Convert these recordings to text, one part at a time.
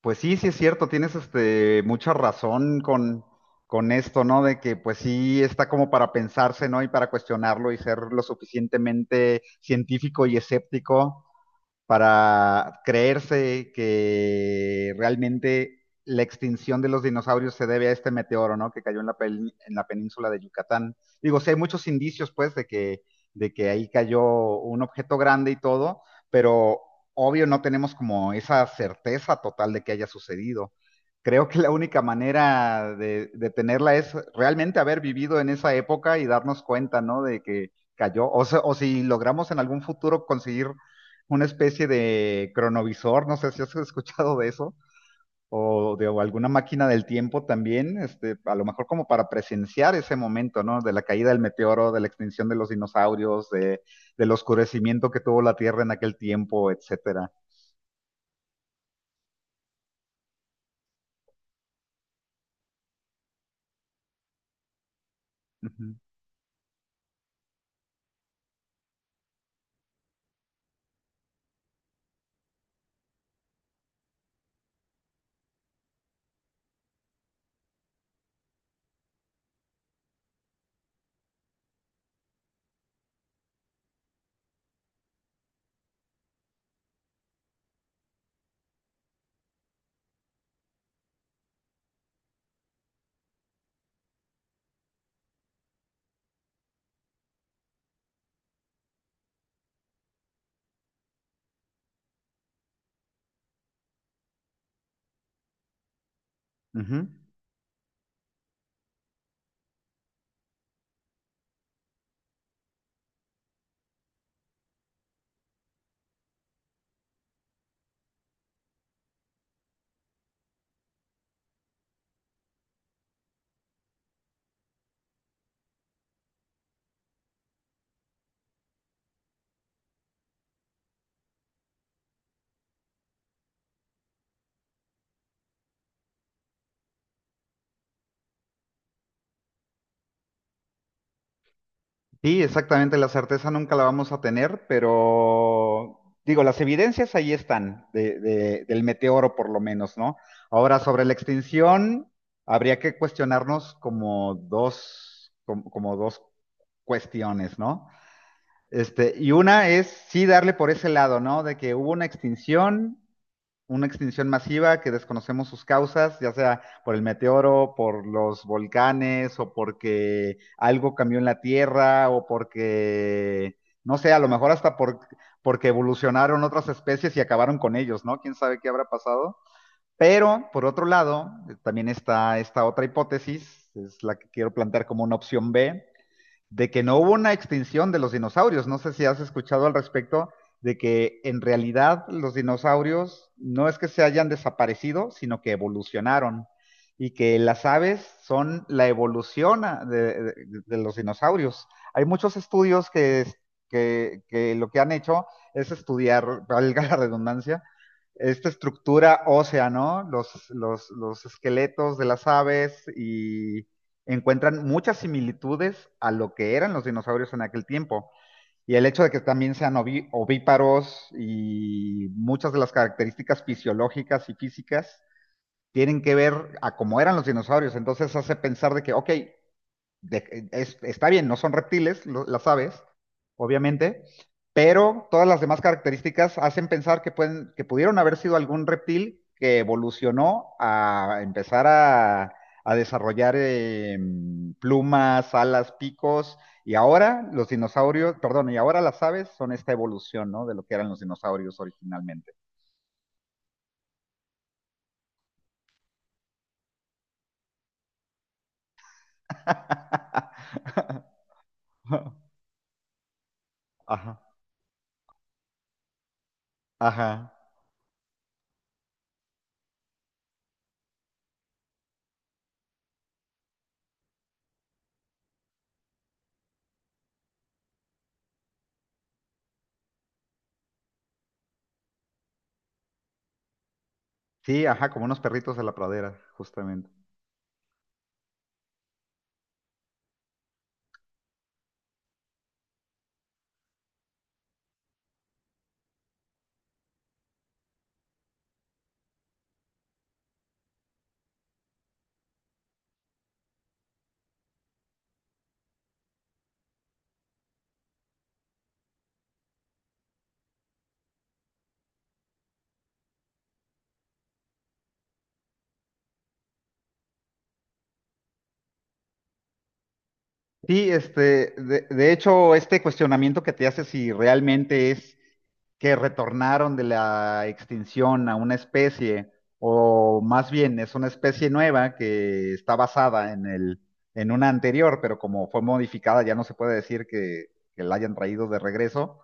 Pues sí, sí es cierto, tienes mucha razón con esto, ¿no? De que pues sí está como para pensarse, ¿no? Y para cuestionarlo y ser lo suficientemente científico y escéptico para creerse que realmente la extinción de los dinosaurios se debe a este meteoro, ¿no? Que cayó en en la península de Yucatán. Digo, sí hay muchos indicios, pues, de que ahí cayó un objeto grande y todo, pero obvio no tenemos como esa certeza total de que haya sucedido. Creo que la única manera de tenerla es realmente haber vivido en esa época y darnos cuenta, ¿no? De que cayó, o si logramos en algún futuro conseguir una especie de cronovisor, no sé si has escuchado de eso, o alguna máquina del tiempo también, a lo mejor como para presenciar ese momento, ¿no? De la caída del meteoro, de la extinción de los dinosaurios, de, del oscurecimiento que tuvo la Tierra en aquel tiempo, etcétera. Ujú, ujú. Sí, exactamente, la certeza nunca la vamos a tener, pero digo, las evidencias ahí están, del meteoro por lo menos, ¿no? Ahora, sobre la extinción, habría que cuestionarnos como dos, como dos cuestiones, ¿no? Y una es sí darle por ese lado, ¿no? De que hubo una extinción masiva que desconocemos sus causas, ya sea por el meteoro, por los volcanes, o porque algo cambió en la Tierra, o porque, no sé, a lo mejor hasta porque evolucionaron otras especies y acabaron con ellos, ¿no? ¿Quién sabe qué habrá pasado? Pero, por otro lado, también está esta otra hipótesis, es la que quiero plantear como una opción B, de que no hubo una extinción de los dinosaurios. No sé si has escuchado al respecto de que en realidad los dinosaurios no es que se hayan desaparecido, sino que evolucionaron y que las aves son la evolución de los dinosaurios. Hay muchos estudios que lo que han hecho es estudiar, valga la redundancia, esta estructura ósea, ¿no? Los esqueletos de las aves y encuentran muchas similitudes a lo que eran los dinosaurios en aquel tiempo. Y el hecho de que también sean ovíparos y muchas de las características fisiológicas y físicas tienen que ver a cómo eran los dinosaurios. Entonces hace pensar de que, ok, está bien, no son reptiles las aves, obviamente, pero todas las demás características hacen pensar que pueden, que pudieron haber sido algún reptil que evolucionó a empezar a desarrollar plumas, alas, picos, y ahora los dinosaurios, perdón, y ahora las aves son esta evolución, ¿no? De lo que eran los dinosaurios originalmente. Ajá, ajá. Sí, ajá, como unos perritos de la pradera, justamente. Sí, de hecho, este cuestionamiento que te hace si realmente es que retornaron de la extinción a una especie, o más bien es una especie nueva que está basada en una anterior, pero como fue modificada, ya no se puede decir que la hayan traído de regreso.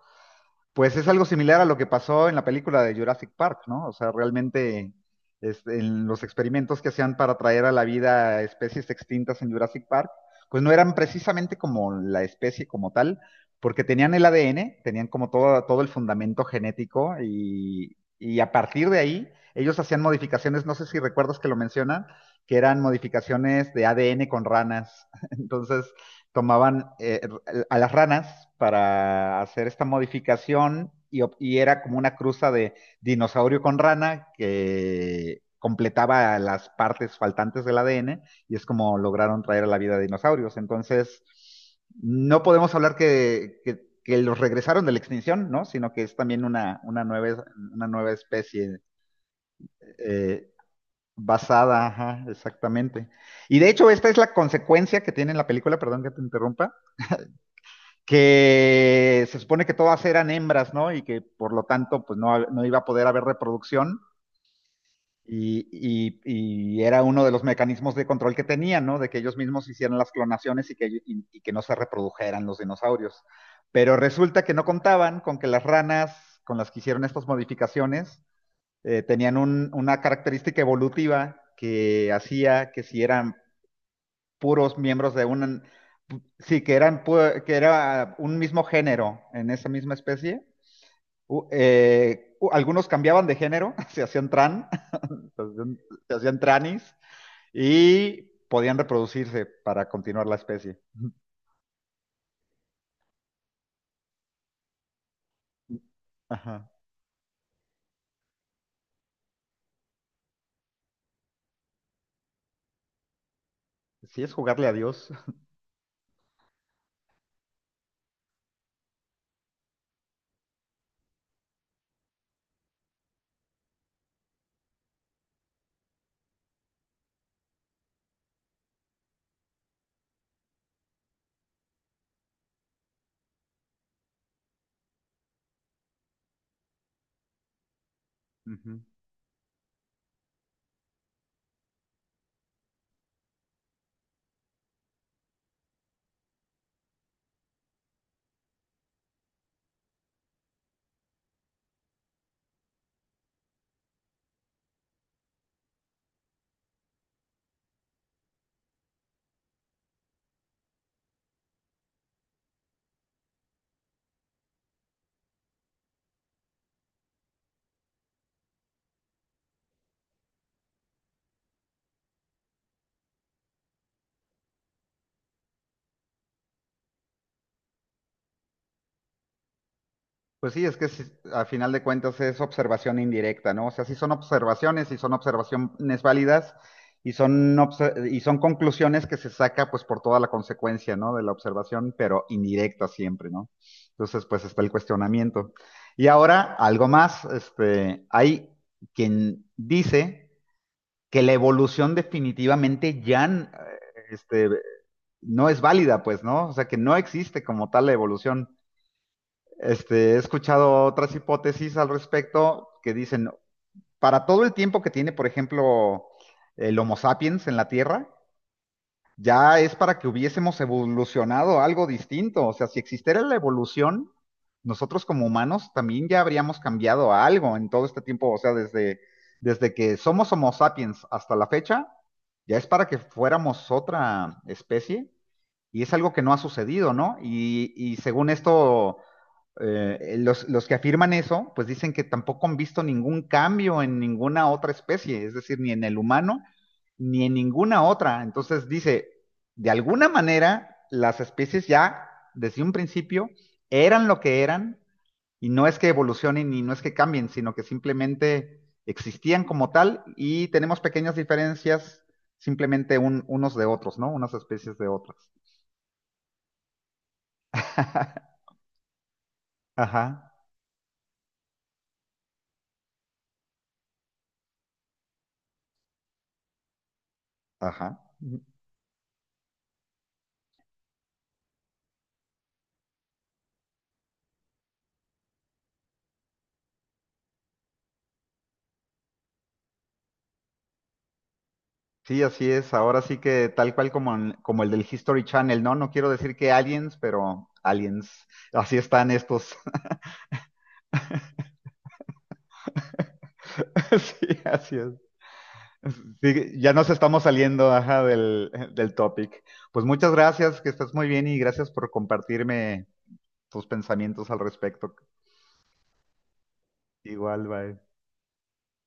Pues es algo similar a lo que pasó en la película de Jurassic Park, ¿no? O sea, realmente en los experimentos que hacían para traer a la vida especies extintas en Jurassic Park, pues no eran precisamente como la especie como tal, porque tenían el ADN, tenían como todo, todo el fundamento genético y a partir de ahí ellos hacían modificaciones, no sé si recuerdas que lo mencionan, que eran modificaciones de ADN con ranas. Entonces, tomaban a las ranas para hacer esta modificación y era como una cruza de dinosaurio con rana que completaba las partes faltantes del ADN y es como lograron traer a la vida dinosaurios. Entonces, no podemos hablar que los regresaron de la extinción, ¿no? Sino que es también una nueva especie eh, basada, ajá, exactamente. Y de hecho, esta es la consecuencia que tiene en la película, perdón que te interrumpa, que se supone que todas eran hembras, ¿no? Y que por lo tanto, pues no, no iba a poder haber reproducción. Era uno de los mecanismos de control que tenían, ¿no? De que ellos mismos hicieran las clonaciones y que no se reprodujeran los dinosaurios. Pero resulta que no contaban con que las ranas con las que hicieron estas modificaciones tenían una característica evolutiva que hacía que si eran puros miembros de un, sí, que eran pu- que era un mismo género en esa misma especie. Algunos cambiaban de género, se hacían, se hacían tranis y podían reproducirse para continuar la especie. Ajá. Sí, es jugarle a Dios. Ujú. Pues sí, es que si- a final de cuentas es observación indirecta, ¿no? O sea, sí son observaciones y son observaciones válidas y son conclusiones que se saca pues por toda la consecuencia, ¿no? De la observación, pero indirecta siempre, ¿no? Entonces, pues está el cuestionamiento. Y ahora, algo más, hay quien dice que la evolución definitivamente ya, este, no es válida, pues, ¿no? O sea, que no existe como tal la evolución. He escuchado otras hipótesis al respecto que dicen, para todo el tiempo que tiene, por ejemplo, el Homo sapiens en la Tierra, ya es para que hubiésemos evolucionado algo distinto. O sea, si existiera la evolución, nosotros como humanos también ya habríamos cambiado a algo en todo este tiempo. O sea, desde que somos Homo sapiens hasta la fecha, ya es para que fuéramos otra especie. Y es algo que no ha sucedido, ¿no? Y según esto, los que afirman eso, pues dicen que tampoco han visto ningún cambio en ninguna otra especie, es decir, ni en el humano, ni en ninguna otra. Entonces dice, de alguna manera, las especies ya, desde un principio, eran lo que eran, y no es que evolucionen y no es que cambien, sino que simplemente existían como tal y tenemos pequeñas diferencias simplemente unos de otros, ¿no? Unas especies de otras. Ajá, ajá. Sí, así es. Ahora sí que tal cual como, como el del History Channel, ¿no? No quiero decir que aliens, pero aliens. Así están estos. Sí, así es. Sí, ya nos estamos saliendo, ajá, del topic. Pues muchas gracias, que estás muy bien y gracias por compartirme tus pensamientos al respecto. Igual, bye.